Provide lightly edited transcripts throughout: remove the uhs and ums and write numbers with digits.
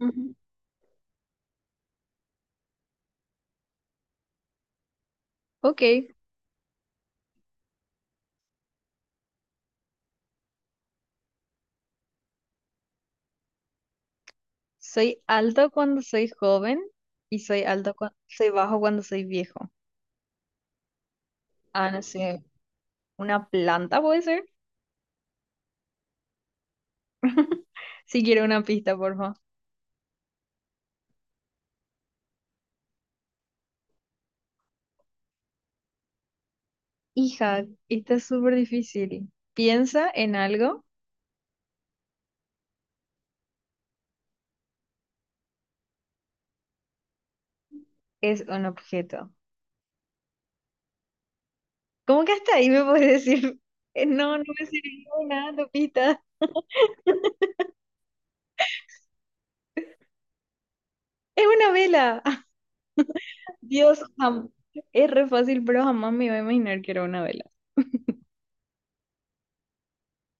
Ujú. Ok, soy alto cuando soy joven y soy bajo cuando soy viejo. Ah, no sé, una planta puede ser. Si quiero una pista, por favor. Hija, está es súper difícil. Piensa en algo, es un objeto. ¿Cómo que hasta ahí me puedes decir? No, no me sirvió nada tu pista. Es una vela. Dios, es re fácil, pero jamás me iba a imaginar que era una vela.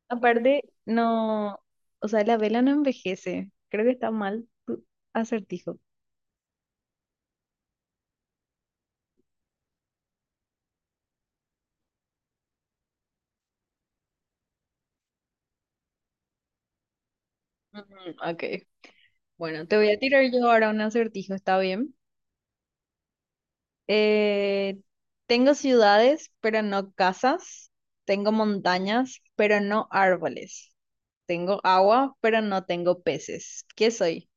Aparte, no, o sea, la vela no envejece. Creo que está mal tu acertijo. Mm, ok, bueno, te voy a tirar yo ahora un acertijo, ¿está bien? Eh, Tengo ciudades, pero no casas. Tengo montañas, pero no árboles. Tengo agua, pero no tengo peces. ¿Qué soy?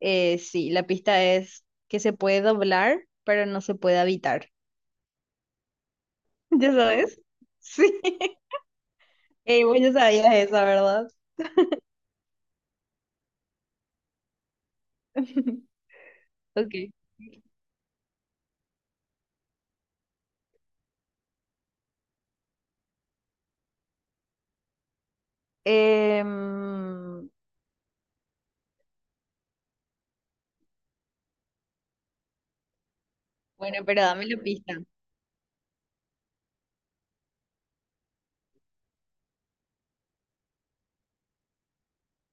Sí, la pista es que se puede doblar, pero no se puede habitar. ¿Ya sabes? Sí. Ey, vos ya sabías esa, ¿verdad? Ok. Em, Bueno, pero dame la pista.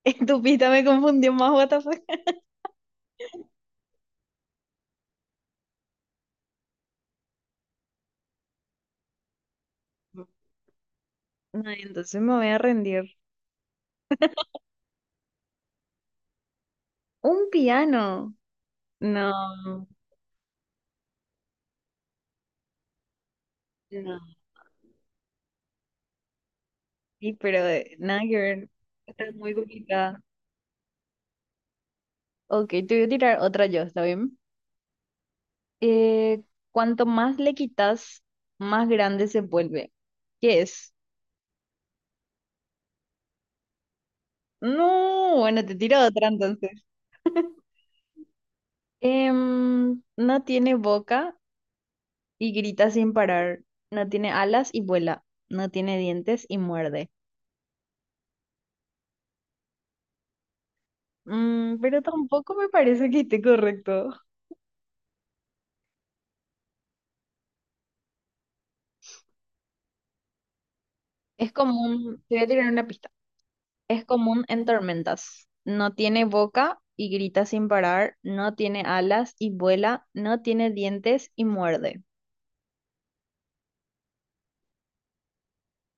Tu pista me confundió más, what the fuck. No, entonces me voy a rendir. Un piano. No, no, sí, pero nada que ver. Está muy complicada. Ok, te voy a tirar otra yo, ¿está bien? Eh, Cuanto más le quitas, más grande se vuelve. ¿Qué es? No, bueno, te tiro otra entonces. No tiene boca, y grita sin parar. No tiene alas y vuela. No tiene dientes y muerde. Mm, pero tampoco me parece que esté correcto. Es común, te voy a tirar una pista. Es común en tormentas. No tiene boca y grita sin parar. No tiene alas y vuela. No tiene dientes y muerde.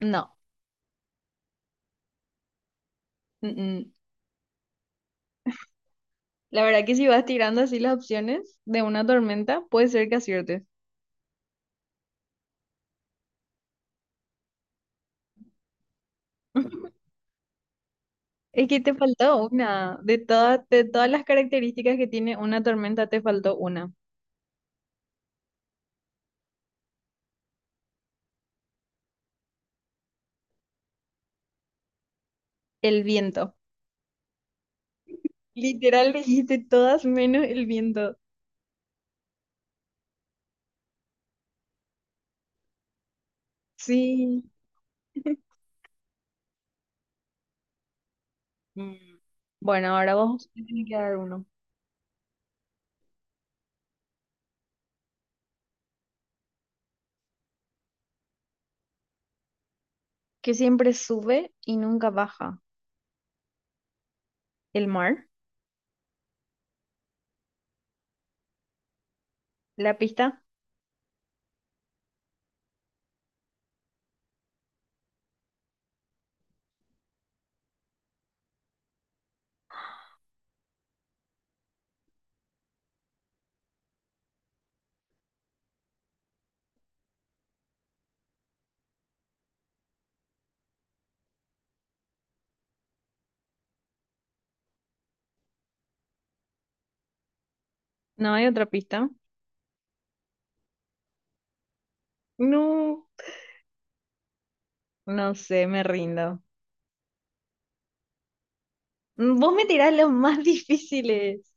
No. mm, mm. La verdad que si vas tirando así las opciones de una tormenta, puede ser que aciertes. Es que te faltó una. De todas las características que tiene una tormenta, te faltó una. El viento. Literal me dijiste todas menos el viento. Sí. Mm. Bueno, ahora vos me tenés que dar uno. Que siempre sube y nunca baja. ¿El mar? ¿La pista? ¿No hay otra pista? No. No sé, me rindo. Mm, vos me tirás los más difíciles.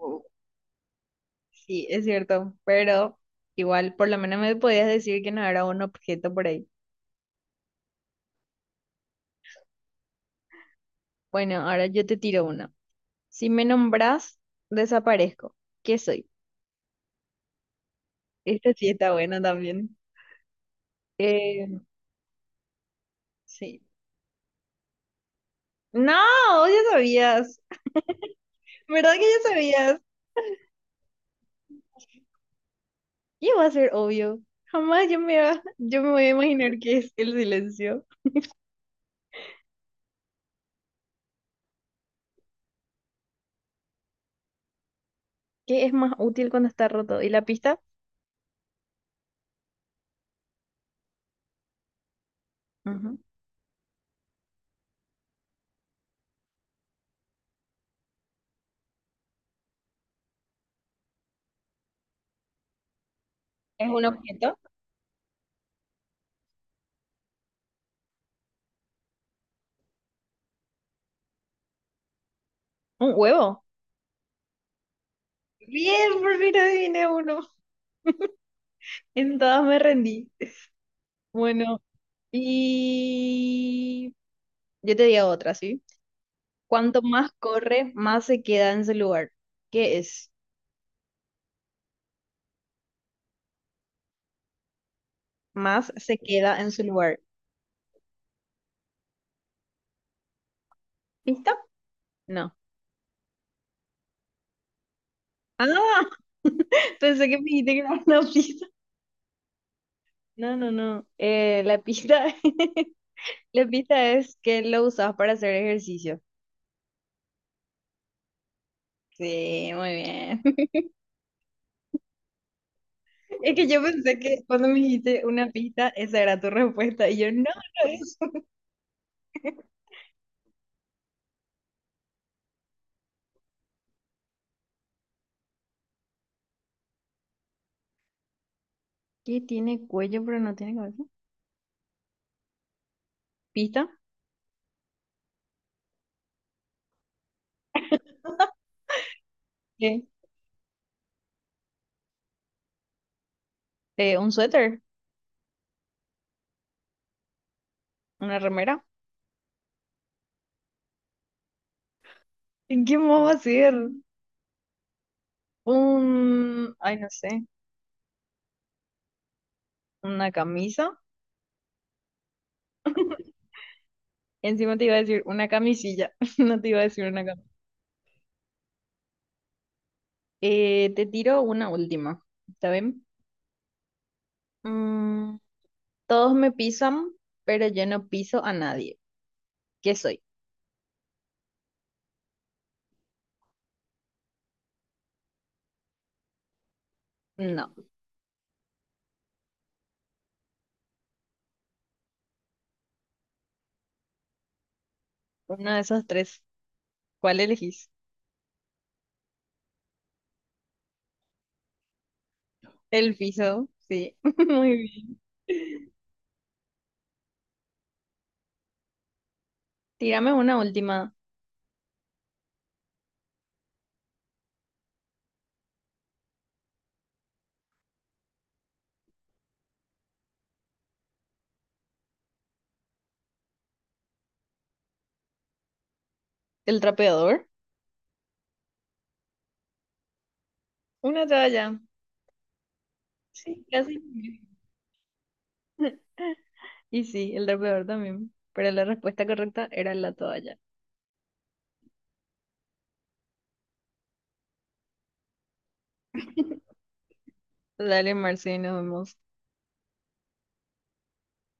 Oh. Sí, es cierto, pero igual, por lo menos me podías decir que no era un objeto por ahí. Bueno, ahora yo te tiro una. Si me nombrás, desaparezco. ¿Qué soy? Esta sí está buena también. Eh, sí. No, ya sabías. ¿Verdad que ya sabías? ¿Qué va a ser obvio? Jamás yo me, yo me voy a imaginar qué es el silencio. ¿Qué es más útil cuando está roto? ¿Y la pista? Ujú. ¿Es un objeto? ¿Un huevo? Bien, por fin adiviné uno. En todas me rendí. Bueno, y yo te digo otra, ¿sí? Cuanto más corre, más se queda en su lugar. ¿Qué es? Más se queda en su lugar. ¿Pista? No. Ah, pensé que me dijiste que era una pista. No, no, no. La pista, la pista es que lo usas para hacer ejercicio. Sí, muy bien. Es que yo pensé que cuando me dijiste una pista, esa era tu respuesta. Y yo, no, no es. ¿Qué tiene cuello pero no tiene cabeza? ¿Pista? ¿Qué? ¿Un suéter? ¿Una remera? ¿En qué más va a ser? Un, ay, no sé, una camisa. Encima te iba a decir una camisilla, no te iba a decir una. Te tiro una última, ¿está bien? Mm, todos me pisan, pero yo no piso a nadie. ¿Qué soy? No, uno de esos tres. ¿Cuál elegís? El piso, sí. Muy bien. Tírame una última. ¿El trapeador? Una toalla. Sí, casi. Y sí, el trapeador también. Pero la respuesta correcta era la toalla. Dale, Marce, nos vemos.